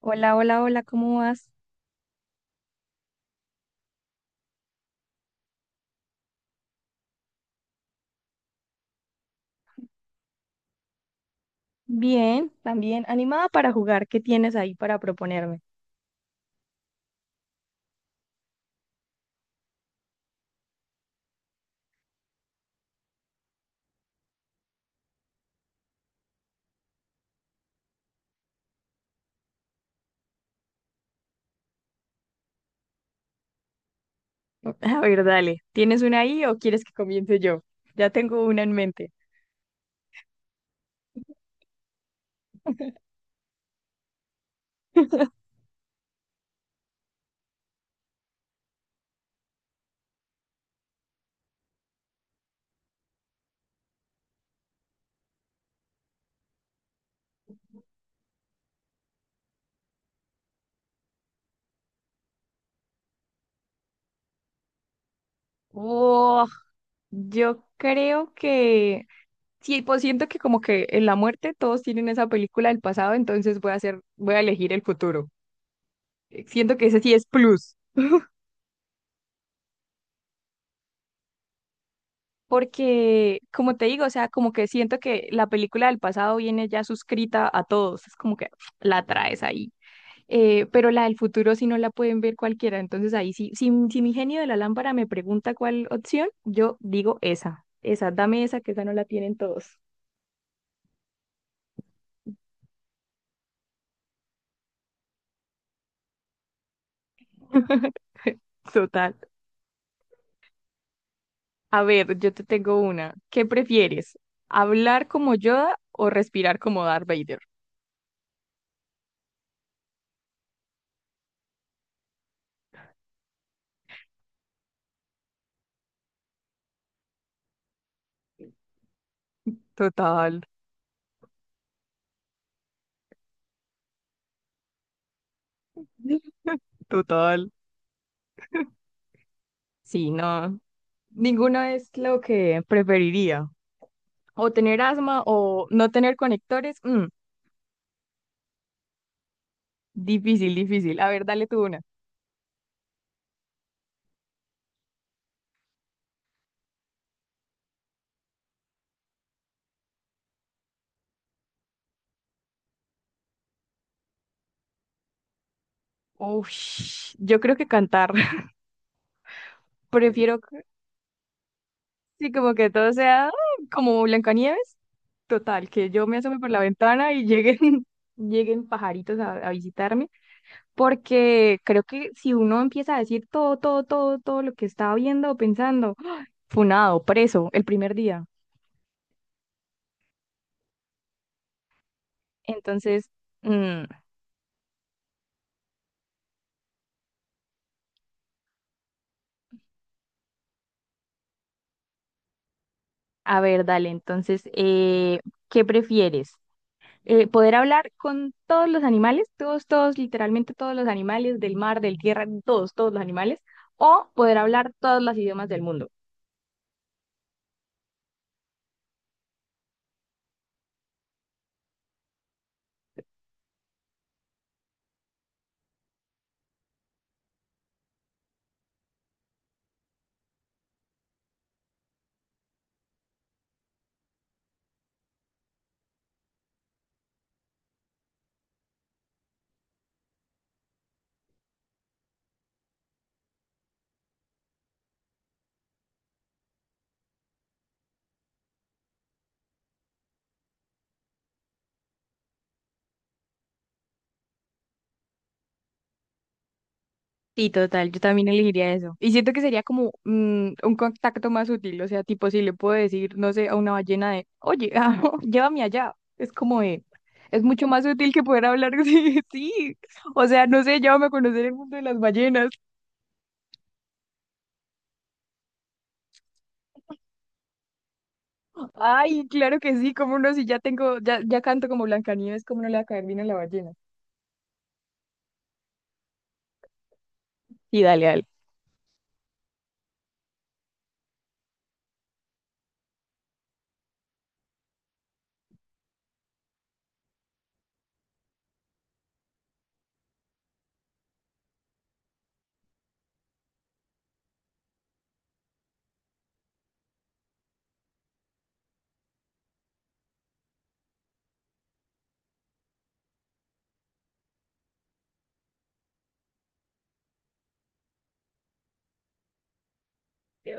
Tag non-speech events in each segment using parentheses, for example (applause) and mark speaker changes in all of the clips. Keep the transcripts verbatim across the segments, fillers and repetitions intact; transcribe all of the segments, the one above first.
Speaker 1: Hola, hola, hola, ¿cómo vas? Bien, también animada para jugar. ¿Qué tienes ahí para proponerme? (laughs) A ver, dale, ¿tienes una ahí o quieres que comience yo? Ya tengo una en mente. Oh, yo creo que sí, pues siento que como que en la muerte todos tienen esa película del pasado, entonces voy a hacer, voy a elegir el futuro. Eh, Siento que ese sí es plus, porque como te digo, o sea, como que siento que la película del pasado viene ya suscrita a todos, es como que (sniffs) la traes ahí. Eh, pero la del futuro sí no la pueden ver cualquiera. Entonces ahí sí, si, si mi genio de la lámpara me pregunta cuál opción, yo digo esa, esa, dame esa, que esa no la tienen todos. (laughs) Total. A ver, yo te tengo una. ¿Qué prefieres? ¿Hablar como Yoda o respirar como Darth Vader? Total, total. Sí, no, ninguno es lo que preferiría. O tener asma o no tener conectores. Mm, difícil, difícil. A ver, dale tú una. Ush, yo creo que cantar. (laughs) Prefiero, c- sí, como que todo sea ah, como Blancanieves. Total, que yo me asome por la ventana y lleguen, (laughs) lleguen pajaritos a, a visitarme. Porque creo que si uno empieza a decir todo, todo, todo, todo lo que estaba viendo o pensando, (gasps) funado, preso, el primer día. Entonces, mm, a ver, dale, entonces, eh, ¿qué prefieres? Eh, poder hablar con todos los animales, todos, todos, literalmente todos los animales del mar, del tierra, todos, todos los animales, o poder hablar todos los idiomas del mundo. Sí, total, yo también elegiría eso. Y siento que sería como mm, un contacto más útil, o sea, tipo si le puedo decir, no sé, a una ballena de, oye, (laughs) ah, llévame allá, es como de, es mucho más útil que poder hablar, (laughs) sí, sí, o sea, no sé, llévame a conocer el mundo de las ballenas. Ay, claro que sí, cómo no, si ya tengo, ya, ya canto como Blancanieves, cómo no le va a caer bien a la ballena. Sí, dale, dale.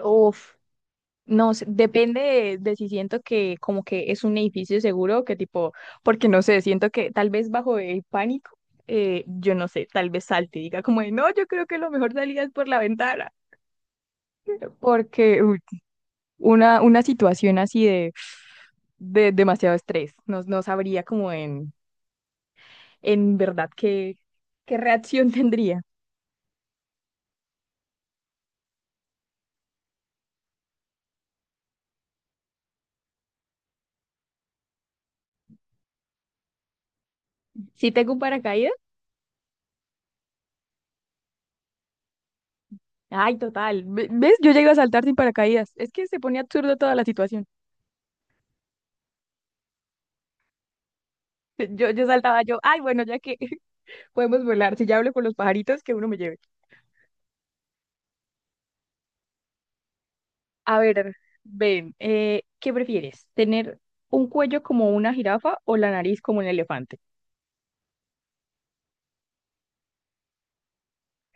Speaker 1: Uf, no, sé, depende de, de si siento que como que es un edificio seguro, que tipo, porque no sé, siento que tal vez bajo el pánico, eh, yo no sé, tal vez salte y diga como de, no, yo creo que lo mejor salida es por la ventana, porque uy, una, una situación así de, de demasiado estrés, no, no sabría como en, en verdad qué, qué reacción (laughs) tendría. Si tengo un paracaídas, ay, total, ve- ¿ves? Yo llego a saltar sin paracaídas, es que se pone absurdo toda la situación. Yo, yo saltaba yo, ay, bueno, ya que (laughs) podemos volar, si ya hablo con los pajaritos, que uno me lleve. A ver, ven, eh, ¿qué prefieres? ¿Tener un cuello como una jirafa o la nariz como un elefante?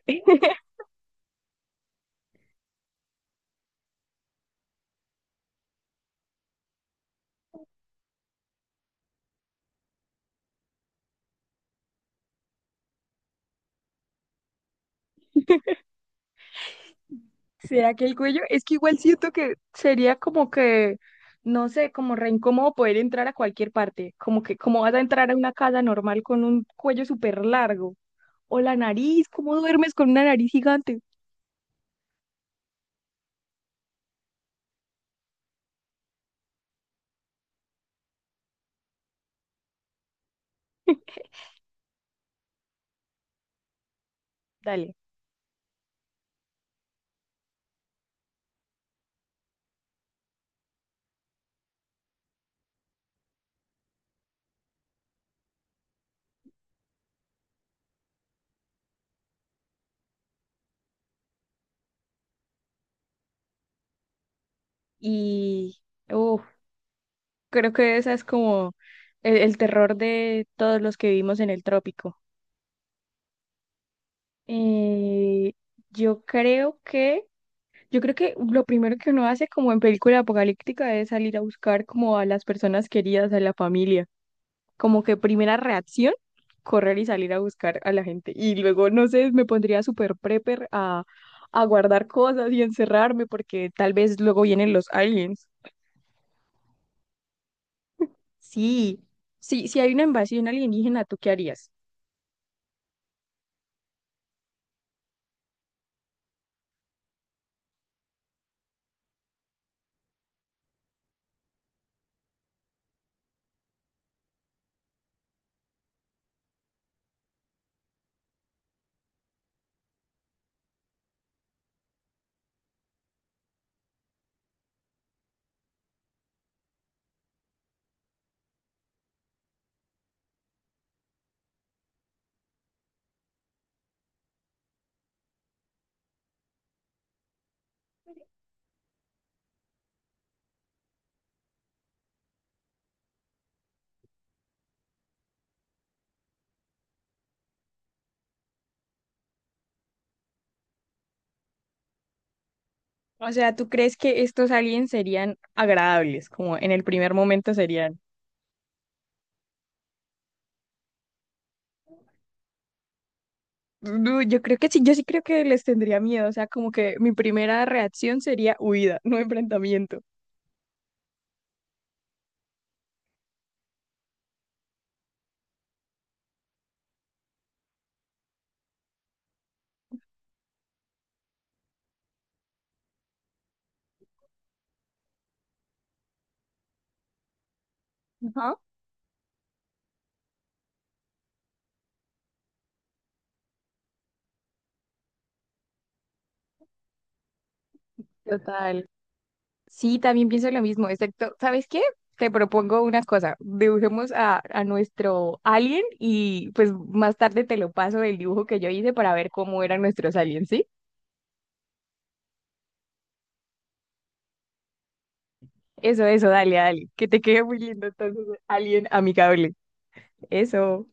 Speaker 1: (laughs) ¿Será que el cuello? Es que igual siento que sería como que, no sé, como re incómodo poder entrar a cualquier parte. Como que, ¿cómo vas a entrar a una casa normal con un cuello súper largo? O la nariz, ¿cómo duermes con una nariz gigante? Dale. Y, uff, Creo que esa es como el, el terror de todos los que vivimos en el trópico. Eh, yo creo que, yo creo que lo primero que uno hace como en película apocalíptica es salir a buscar como a las personas queridas, a la familia. Como que primera reacción, correr y salir a buscar a la gente. Y luego, no sé, me pondría súper prepper a, a guardar cosas y encerrarme porque tal vez luego vienen los aliens. Sí, sí, si hay una invasión alienígena, ¿tú qué harías? O sea, ¿tú crees que estos aliens serían agradables? Como en el primer momento serían. No, yo creo que sí, yo sí creo que les tendría miedo. O sea, como que mi primera reacción sería huida, no enfrentamiento. Ajá, total. Sí, también pienso lo mismo, excepto, ¿sabes qué? Te propongo una cosa, dibujemos a, a nuestro alien y pues más tarde te lo paso el dibujo que yo hice para ver cómo eran nuestros aliens, ¿sí? Eso, eso, dale, dale, que te quede muy lindo entonces, alien amigable. Eso.